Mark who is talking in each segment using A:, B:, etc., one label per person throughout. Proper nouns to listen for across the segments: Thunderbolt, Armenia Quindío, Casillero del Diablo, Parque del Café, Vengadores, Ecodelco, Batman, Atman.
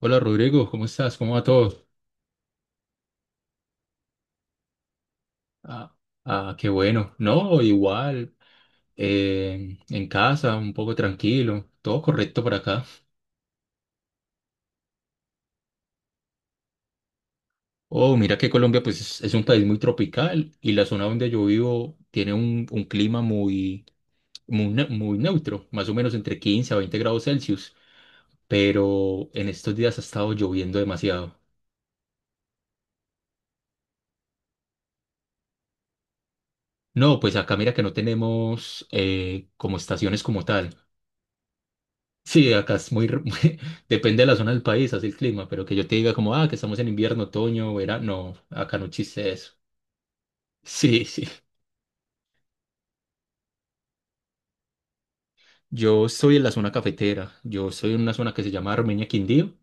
A: Hola Rodrigo, ¿cómo estás? ¿Cómo va todo? Ah, qué bueno. No, igual, en casa, un poco tranquilo, todo correcto por acá. Oh, mira que Colombia pues es un país muy tropical y la zona donde yo vivo tiene un clima muy neutro, más o menos entre 15 a 20 grados Celsius, pero en estos días ha estado lloviendo demasiado. No, pues acá mira que no tenemos como estaciones como tal. Sí, acá es depende de la zona del país, así el clima, pero que yo te diga como, ah, que estamos en invierno, otoño, verano, no, acá no existe eso. Sí, sí. Yo estoy en la zona cafetera, yo estoy en una zona que se llama Armenia Quindío,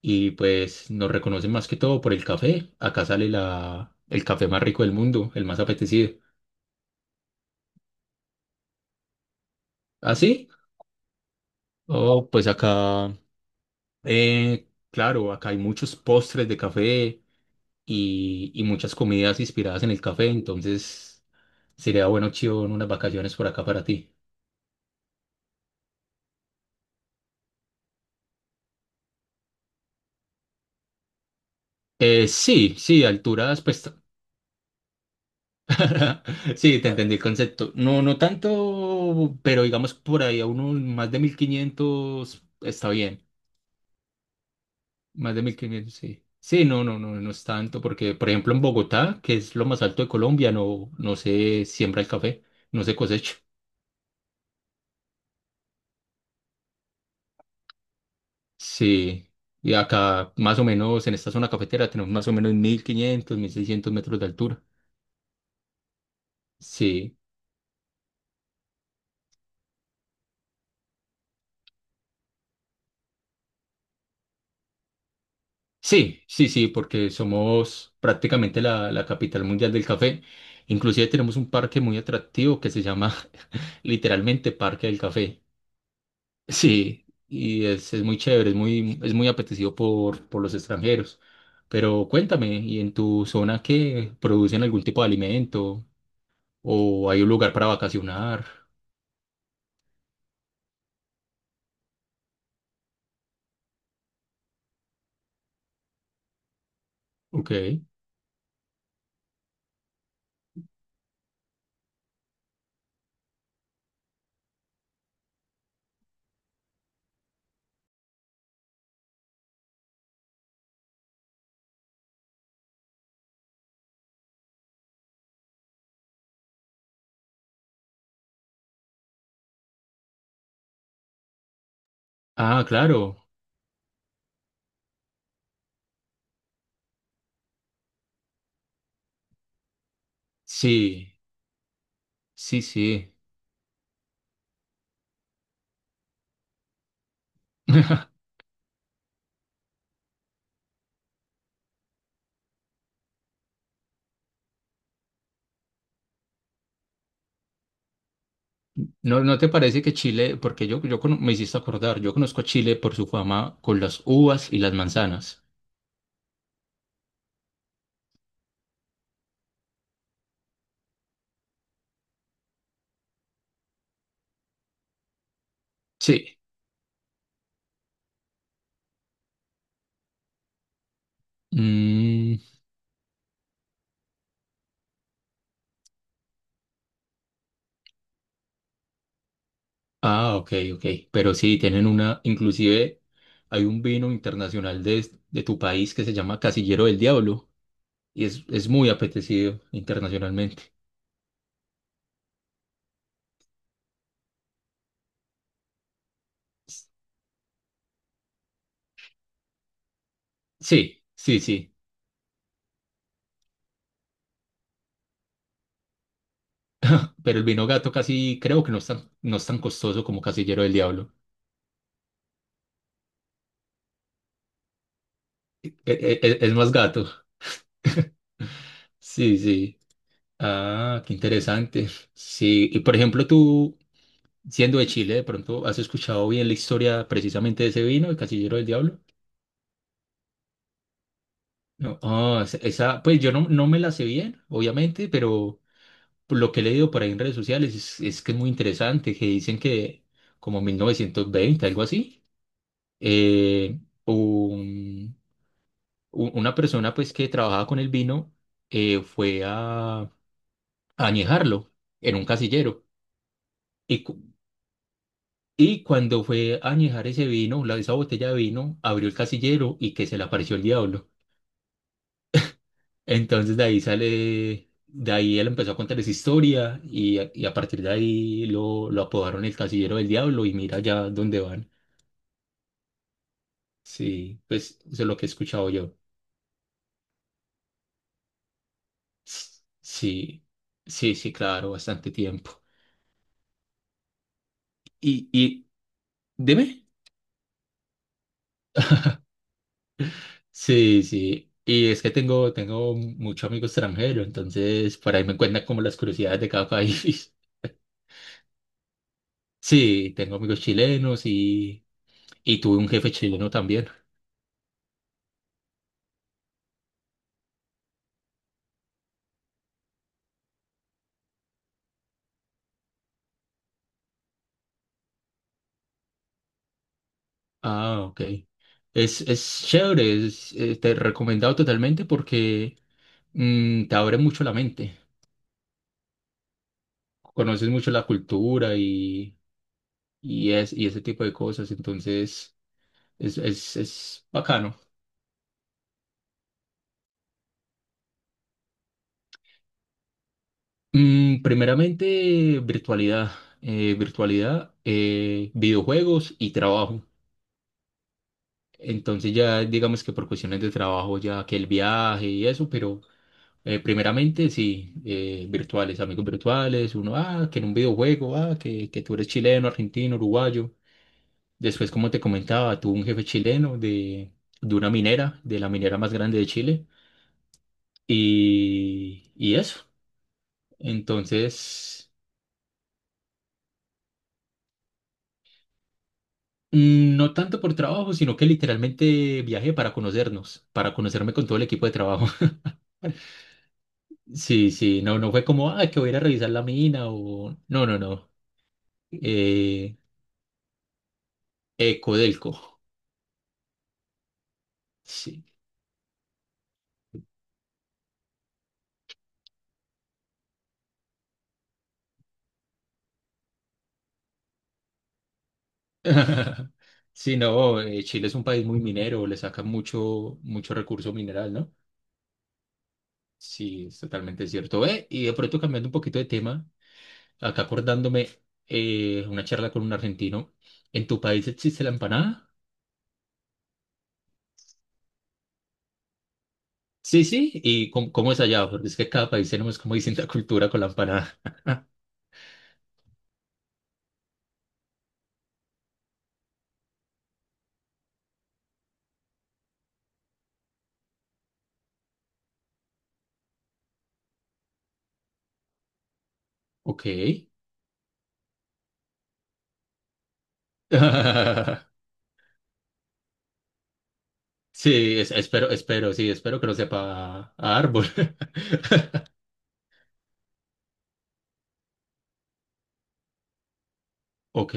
A: y pues nos reconocen más que todo por el café. Acá sale el café más rico del mundo, el más apetecido. ¿Ah, sí? Oh, pues acá, claro, acá hay muchos postres de café, y muchas comidas inspiradas en el café, entonces sería bueno, Chivo, unas vacaciones por acá para ti. Sí, sí, alturas, pues... t- Sí, te entendí el concepto. No, no tanto, pero digamos por ahí a unos más de 1.500 está bien. Más de mil quinientos sí. Sí, no, no es tanto, porque por ejemplo en Bogotá, que es lo más alto de Colombia, no se siembra el café, no se cosecha. Sí, y acá más o menos en esta zona cafetera tenemos más o menos 1.500, 1.600 metros de altura. Sí, sí, porque somos prácticamente la capital mundial del café. Inclusive tenemos un parque muy atractivo que se llama literalmente Parque del Café. Sí, y es muy chévere, es muy apetecido por los extranjeros. Pero cuéntame, ¿y en tu zona qué producen algún tipo de alimento? ¿O hay un lugar para vacacionar? Ok. Ah, claro. Sí, sí, sí. ¿No, no te parece que Chile, porque yo me hiciste acordar, yo conozco a Chile por su fama con las uvas y las manzanas? Sí. Mm, ah, ok. Pero sí, tienen una, inclusive hay un vino internacional de tu país que se llama Casillero del Diablo y es muy apetecido internacionalmente. S- Sí, sí, sí. Pero el vino gato casi creo que no es tan costoso como Casillero del Diablo. E- e- e- Es más gato. Sí, sí. Ah, qué interesante. Sí, y por ejemplo, tú, siendo de Chile, de pronto, ¿has escuchado bien la historia precisamente de ese vino, el Casillero del Diablo? No, ah, pues yo no me la sé bien, obviamente, pero por lo que he leído por ahí en redes sociales es que es muy interesante, que dicen que como 1920 algo así, eh, un- una persona pues que trabajaba con el vino fue a añejarlo en un casillero. Y, cu- y cuando fue a añejar ese vino, esa botella de vino, abrió el casillero y que se le apareció el diablo. Entonces de ahí sale, de ahí él empezó a contar esa historia y a partir de ahí lo apodaron el Casillero del Diablo y mira ya dónde van. Sí, pues eso es lo que he escuchado yo. S- Sí, sí, sí, claro, bastante tiempo. Y, y, dime. Sí, sí. Y es que tengo mucho amigo extranjero, entonces por ahí me cuentan como las curiosidades de cada país. Sí, tengo amigos chilenos y tuve un jefe chileno también. Ah, ok. Es chévere, es, te he recomendado totalmente porque mm, te abre mucho la mente, conoces mucho la cultura y ese tipo de cosas, entonces es bacano. Mm, primeramente, virtualidad. Virtualidad, videojuegos y trabajo. Entonces ya digamos que por cuestiones de trabajo, ya que el viaje y eso, pero primeramente sí, virtuales, amigos virtuales, uno, ah, que en un videojuego, ah, que tú eres chileno, argentino, uruguayo. Después, como te comentaba, tuve un jefe chileno de una minera, de la minera más grande de Chile. Y eso. Entonces... Mm, no tanto por trabajo, sino que literalmente viajé para conocernos, para conocerme con todo el equipo de trabajo. Sí, sí, no, no fue como, ah, que voy a ir a revisar la mina o... No, no, no. Eh, Ecodelco, sí. Sí, no, Chile es un país muy minero, le saca mucho, mucho recurso mineral, ¿no? Sí, es totalmente cierto. Y de pronto cambiando un poquito de tema, acá acordándome una charla con un argentino, ¿en tu país existe la empanada? Sí, sí, ¿y cómo, cómo es allá? Porque es que cada país tenemos como distinta cultura con la empanada. Ok. Sí, es- espero, espero, sí, espero que no sepa a árbol. Ok.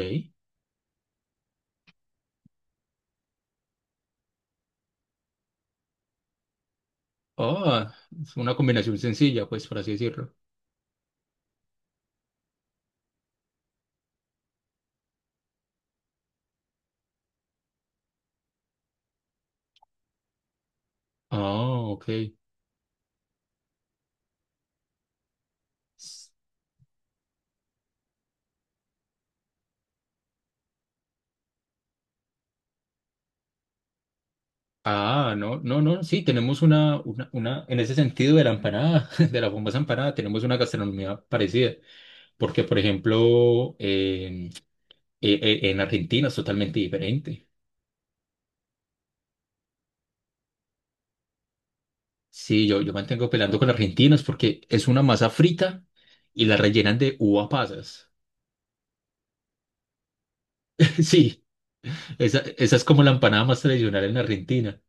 A: Oh, es una combinación sencilla, pues, por así decirlo. Ah, ok. S- Ah, no, no, no, sí, tenemos una, en ese sentido de la empanada, de la famosa empanada, tenemos una gastronomía parecida, porque, por ejemplo, en Argentina es totalmente diferente. Sí, yo mantengo peleando con argentinos porque es una masa frita y la rellenan de uva pasas. Sí, esa es como la empanada más tradicional en Argentina.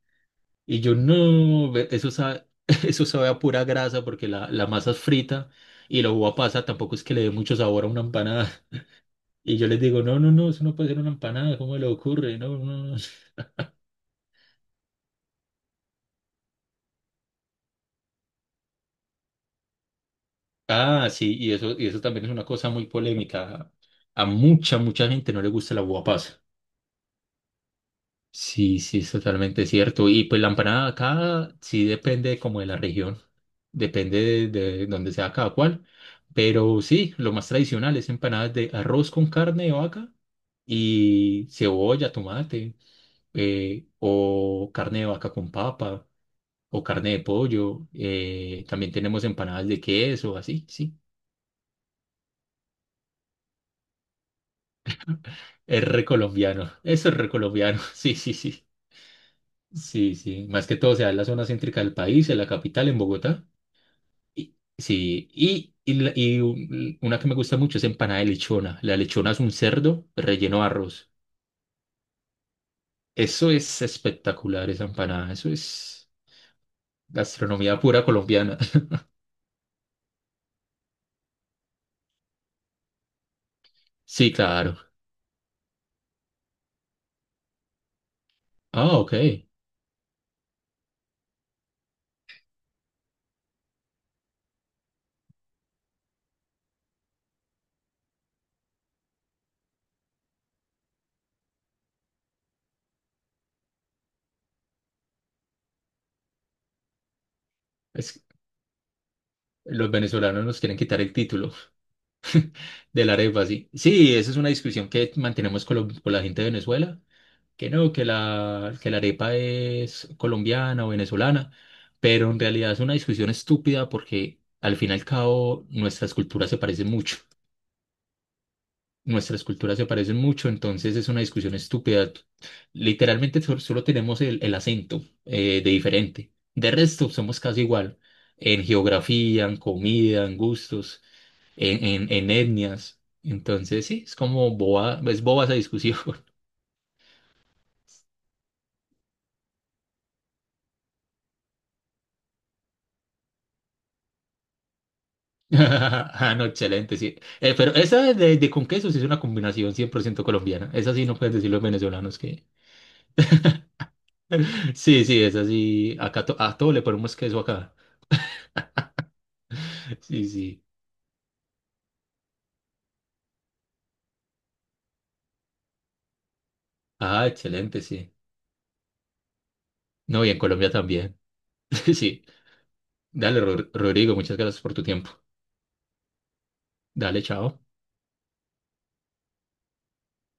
A: Y yo no, ve- eso sabe, eso sabe a pura grasa porque la masa es frita y la uva pasa tampoco es que le dé mucho sabor a una empanada. Y yo les digo, no, no, no, eso no puede ser una empanada, ¿cómo le ocurre? No, no. no". Ah, sí, y eso también es una cosa muy polémica. A mucha gente no le gusta la uva pasa. Sí, sí, es totalmente cierto. Y pues la empanada acá sí depende como de la región, depende de donde sea cada cual. Pero sí, lo más tradicional es empanadas de arroz con carne de vaca y cebolla, tomate, o carne de vaca con papa, o carne de pollo. También tenemos empanadas de queso, así, sí. Es recolombiano, eso es recolombiano, sí, sí, sí. Sí, sí. Más que todo se da en la zona céntrica del país, en la capital, en Bogotá. Y- Sí, una que me gusta mucho es empanada de lechona. La lechona es un cerdo relleno de arroz. Eso es espectacular, esa empanada. Eso es gastronomía pura colombiana. Sí, claro. Ah, ok. Es, los venezolanos nos quieren quitar el título. De la arepa, sí. Sí, esa es una discusión que mantenemos con la gente de Venezuela, que no, que la arepa es colombiana o venezolana, pero en realidad es una discusión estúpida porque al fin y al cabo nuestras culturas se parecen mucho. Nuestras culturas se parecen mucho, entonces es una discusión estúpida. Literalmente solo tenemos el acento de diferente. De resto, somos casi igual en geografía, en comida, en gustos en etnias. Entonces, sí, es como boba, es boba esa discusión. Ah, no, excelente, sí. Pero esa de con queso sí es una combinación 100% colombiana. Esa sí no pueden decir los venezolanos que... Sí, sí, esa sí. Acá to- a todo le ponemos queso acá. Sí, sí. Ah, excelente, sí. No, y en Colombia también. Sí. Dale, Ro- Rodrigo, muchas gracias por tu tiempo. Dale, chao.